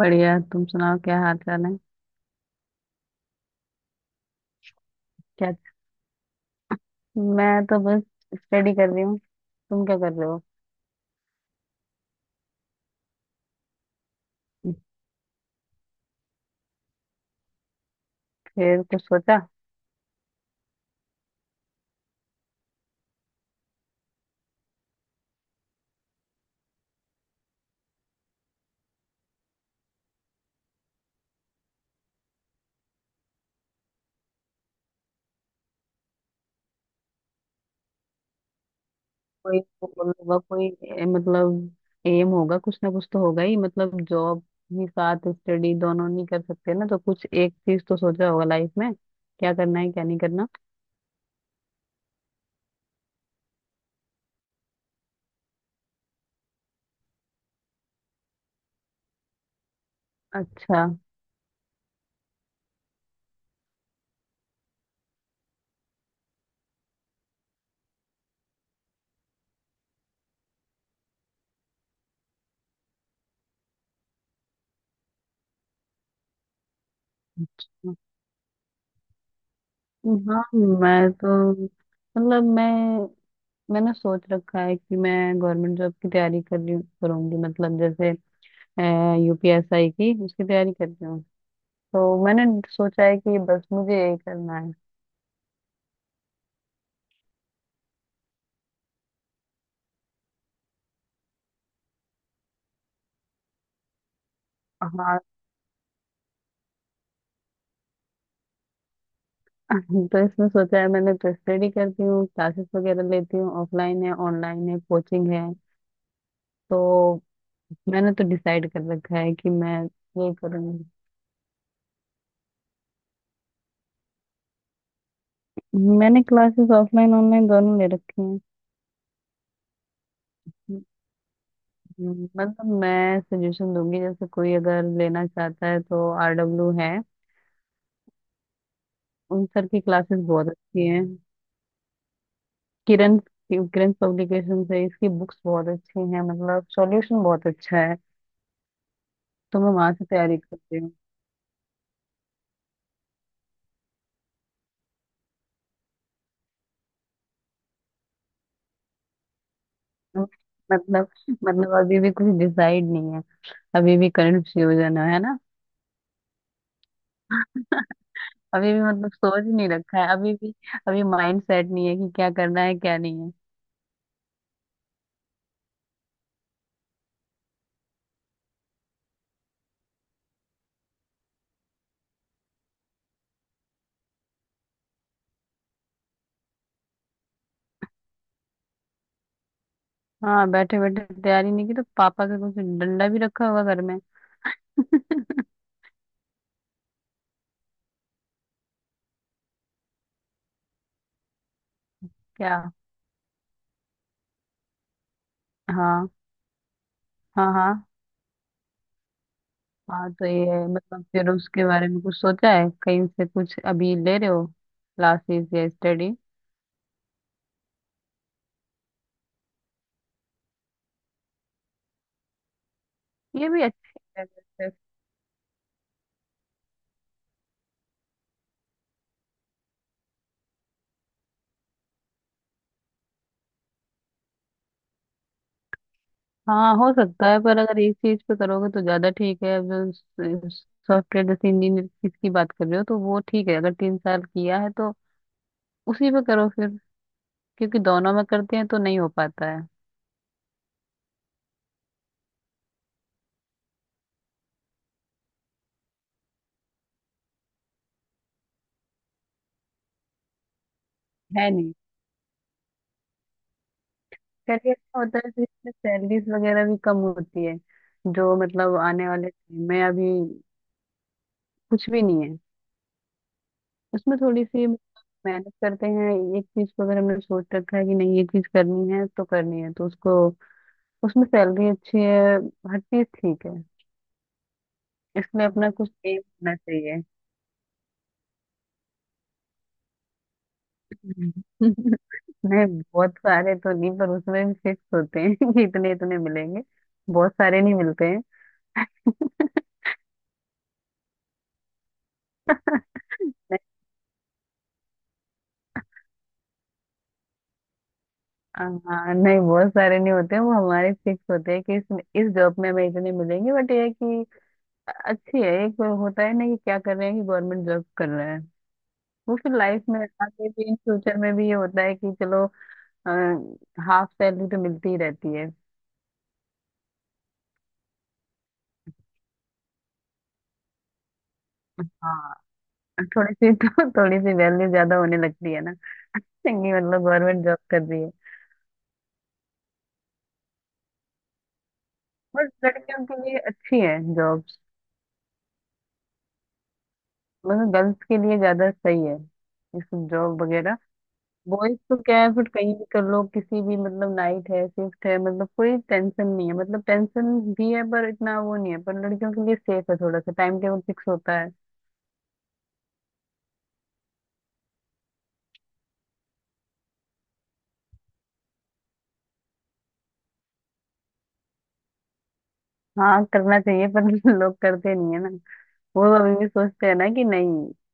बढ़िया। तुम सुनाओ, क्या हाल चाल है? क्या? मैं तो बस स्टडी कर रही हूँ। तुम क्या कर रहे हो? फिर कुछ सोचा? कोई गोल होगा, कोई ए, मतलब एम होगा, कुछ ना कुछ तो होगा ही। मतलब जॉब भी साथ, स्टडी, दोनों नहीं कर सकते ना, तो कुछ एक चीज तो सोचा होगा लाइफ में, क्या करना है क्या नहीं करना। अच्छा। हाँ, मैं तो, मतलब मैं मैंने सोच रखा है कि मैं गवर्नमेंट जॉब की तैयारी कर रही करूंगी। मतलब जैसे यूपीएसआई की, उसकी तैयारी कर रही हूँ। तो मैंने सोचा है कि बस मुझे यही करना है। हाँ। तो इसमें सोचा है, मैंने तो स्टडी करती हूँ, क्लासेस वगैरह लेती हूँ। ऑफलाइन है, ऑनलाइन है, कोचिंग है। तो मैंने तो डिसाइड कर रखा है कि मैं यही करूँगी। मैंने क्लासेस ऑफलाइन ऑनलाइन दोनों ले रखी हैं। मतलब मैं सजेशन दूंगी, जैसे कोई अगर लेना चाहता है तो आरडब्ल्यू है, उन सर की क्लासेस बहुत अच्छी हैं। किरण किरण पब्लिकेशन से इसकी बुक्स बहुत अच्छी हैं, मतलब सॉल्यूशन बहुत अच्छा है। तो मैं वहां से तैयारी करती हूँ। मतलब, मतलब अभी भी कुछ डिसाइड नहीं है, अभी भी कंफ्यूजन है ना? अभी भी मतलब सोच नहीं रखा है अभी भी, अभी माइंड सेट नहीं है कि क्या करना है क्या नहीं है। हाँ, बैठे बैठे तैयारी नहीं की तो पापा का कुछ डंडा भी रखा होगा घर में। क्या? हाँ। हाँ हाँ। हाँ, तो ये है, मतलब फिर उसके बारे में कुछ सोचा है, कहीं से कुछ अभी ले रहे हो क्लासेस या स्टडी? ये भी अच्छी है वैसे। हाँ, हो सकता है, पर अगर एक चीज पे करोगे तो ज्यादा ठीक है। अब जो सॉफ्टवेयर जैसे इंजीनियर, किसकी बात कर रहे हो, तो वो ठीक है। अगर 3 साल किया है तो उसी पे करो फिर, क्योंकि दोनों में करते हैं तो नहीं हो पाता है। है नहीं। चलिए, अच्छा होता है, तो इसमें सैलरीज वगैरह भी कम होती है जो, मतलब आने वाले टाइम में। अभी कुछ भी नहीं है। उसमें थोड़ी सी मतलब मेहनत करते हैं, एक चीज को, अगर हमने सोच रखा है कि नहीं ये चीज करनी है तो करनी है, तो उसको, उसमें सैलरी अच्छी है, हर चीज ठीक है। इसमें अपना कुछ एम होना चाहिए। हम्म। नहीं, बहुत सारे तो नहीं, पर उसमें भी फिक्स होते हैं कि इतने इतने मिलेंगे। बहुत सारे नहीं मिलते हैं। नहीं, हाँ नहीं, बहुत सारे नहीं होते हैं। वो हमारे फिक्स होते हैं कि इस जॉब में हमें इतने मिलेंगे। बट ये है कि अच्छी है, एक वो होता है ना कि क्या कर रहे हैं कि गवर्नमेंट जॉब कर रहे हैं। वो फिर लाइफ में आगे भी, इन फ्यूचर में भी ये होता है कि चलो हाफ सैलरी तो मिलती ही रहती है। हाँ, थोड़ी सी तो थोड़ी सी वैल्यू ज्यादा होने लगती है ना, चंगी मतलब गवर्नमेंट जॉब कर रही है। बट लड़कियों के लिए अच्छी है जॉब्स, मतलब गर्ल्स के लिए ज्यादा सही है ये सब जॉब वगैरह। बॉयज तो क्या है, फिर कहीं भी कर लो, किसी भी मतलब नाइट है, शिफ्ट है, मतलब कोई टेंशन नहीं है, मतलब टेंशन भी है पर इतना वो नहीं है, पर लड़कियों के लिए सेफ है, थोड़ा सा टाइम टेबल फिक्स होता है। हाँ करना चाहिए, पर लोग करते नहीं है ना। वो अभी भी सोचते हैं ना कि नहीं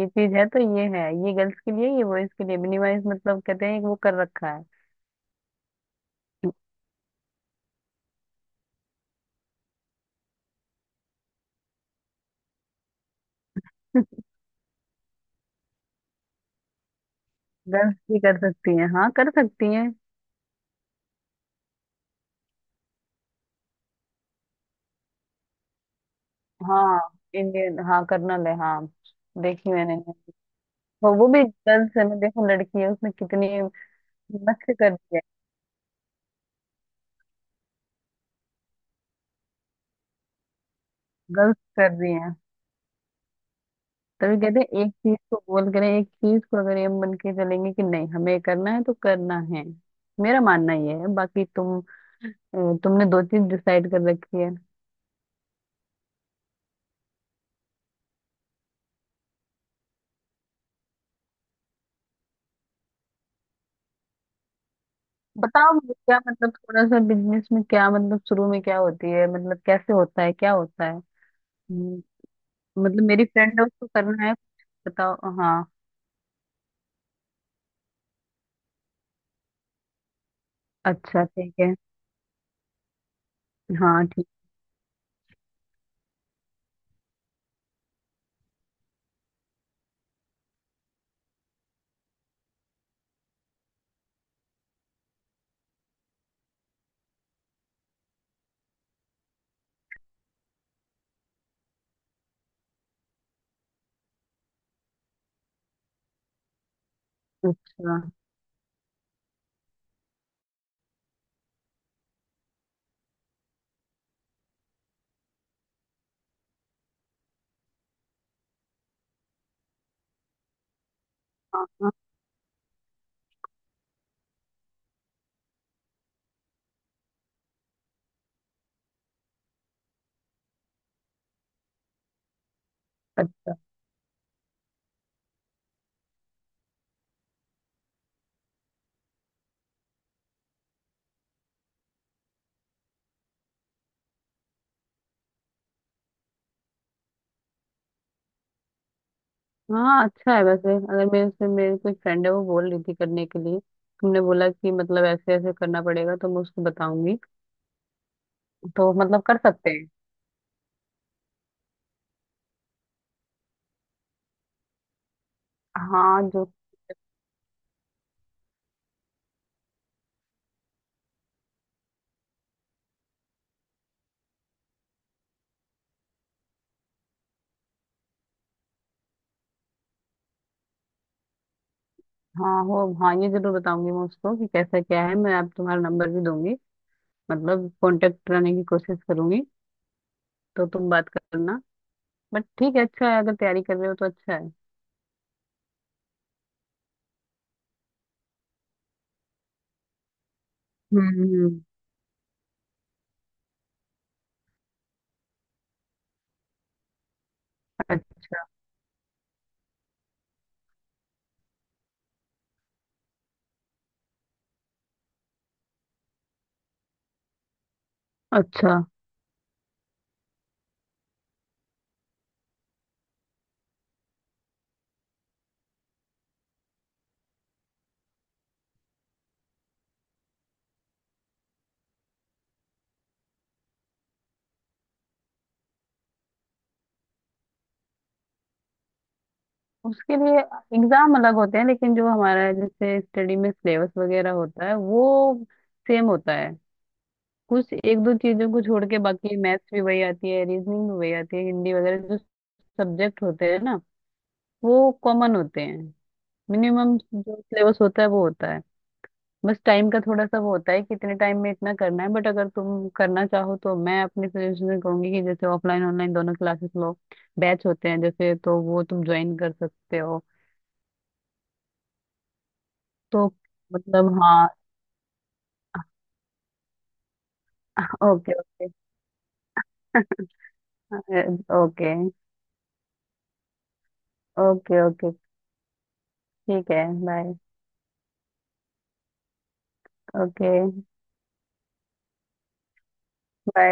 ये चीज है तो ये है, ये गर्ल्स के लिए, ये बॉयज के लिए, मिनिमाइज मतलब, कहते हैं कि वो कर रखा है। गर्ल्स भी कर सकती हैं, हाँ कर सकती हैं। हाँ। इंडियन, हाँ कर्नल है, हाँ। देखी मैंने। वो भी गर्ल्स है, मैं देखो लड़की है उसमें कितनी मस्त कर दिया, गलत कर दिए हैं। तभी कहते हैं एक चीज को, बोल करें एक चीज को, अगर ये मन के चलेंगे कि नहीं हमें करना है तो करना है। मेरा मानना ये है। बाकी तुम, अ, तुमने दो चीज डिसाइड कर रखी है। बताओ मुझे, क्या मतलब थोड़ा सा बिजनेस में, क्या मतलब शुरू में क्या होती है, मतलब कैसे होता है, क्या होता है? हम्म, मतलब मेरी फ्रेंड है, उसको करना है। बताओ। हाँ। अच्छा ठीक है। हाँ ठीक। अच्छा। हाँ। अच्छा। हाँ, अच्छा है वैसे, अगर मेरे से, मेरी कोई फ्रेंड है वो बोल रही थी करने के लिए। तुमने बोला कि मतलब ऐसे ऐसे करना पड़ेगा, तो मैं उसको बताऊंगी। तो मतलब कर सकते हैं। हाँ जो, हाँ हो, हाँ ये जरूर बताऊंगी मैं उसको कि कैसा क्या है। मैं आप तुम्हारा नंबर भी दूंगी, मतलब कांटेक्ट कराने की कोशिश करूंगी, तो तुम बात करना। बट ठीक है, अच्छा है, अगर तैयारी कर रहे हो तो अच्छा है। हम्म हम्म। अच्छा। उसके लिए एग्जाम अलग होते हैं, लेकिन जो हमारा जैसे स्टडी में सिलेबस वगैरह होता है वो सेम होता है। कुछ एक दो चीजों को छोड़ के, बाकी मैथ्स भी वही आती है, रीजनिंग भी वही आती है, हिंदी वगैरह जो सब्जेक्ट होते हैं ना, वो कॉमन होते हैं। मिनिमम जो सिलेबस होता है वो होता है। बस टाइम का थोड़ा सा वो होता है कि इतने टाइम में इतना करना है। बट अगर तुम करना चाहो तो मैं अपने सजेशन कहूंगी कि जैसे ऑफलाइन ऑनलाइन दोनों क्लासेस लो, बैच होते हैं जैसे, तो वो तुम ज्वाइन कर सकते हो। तो मतलब हाँ। Okay okay. Okay. Okay okay. ठीक है, बाय। ओके। बाय।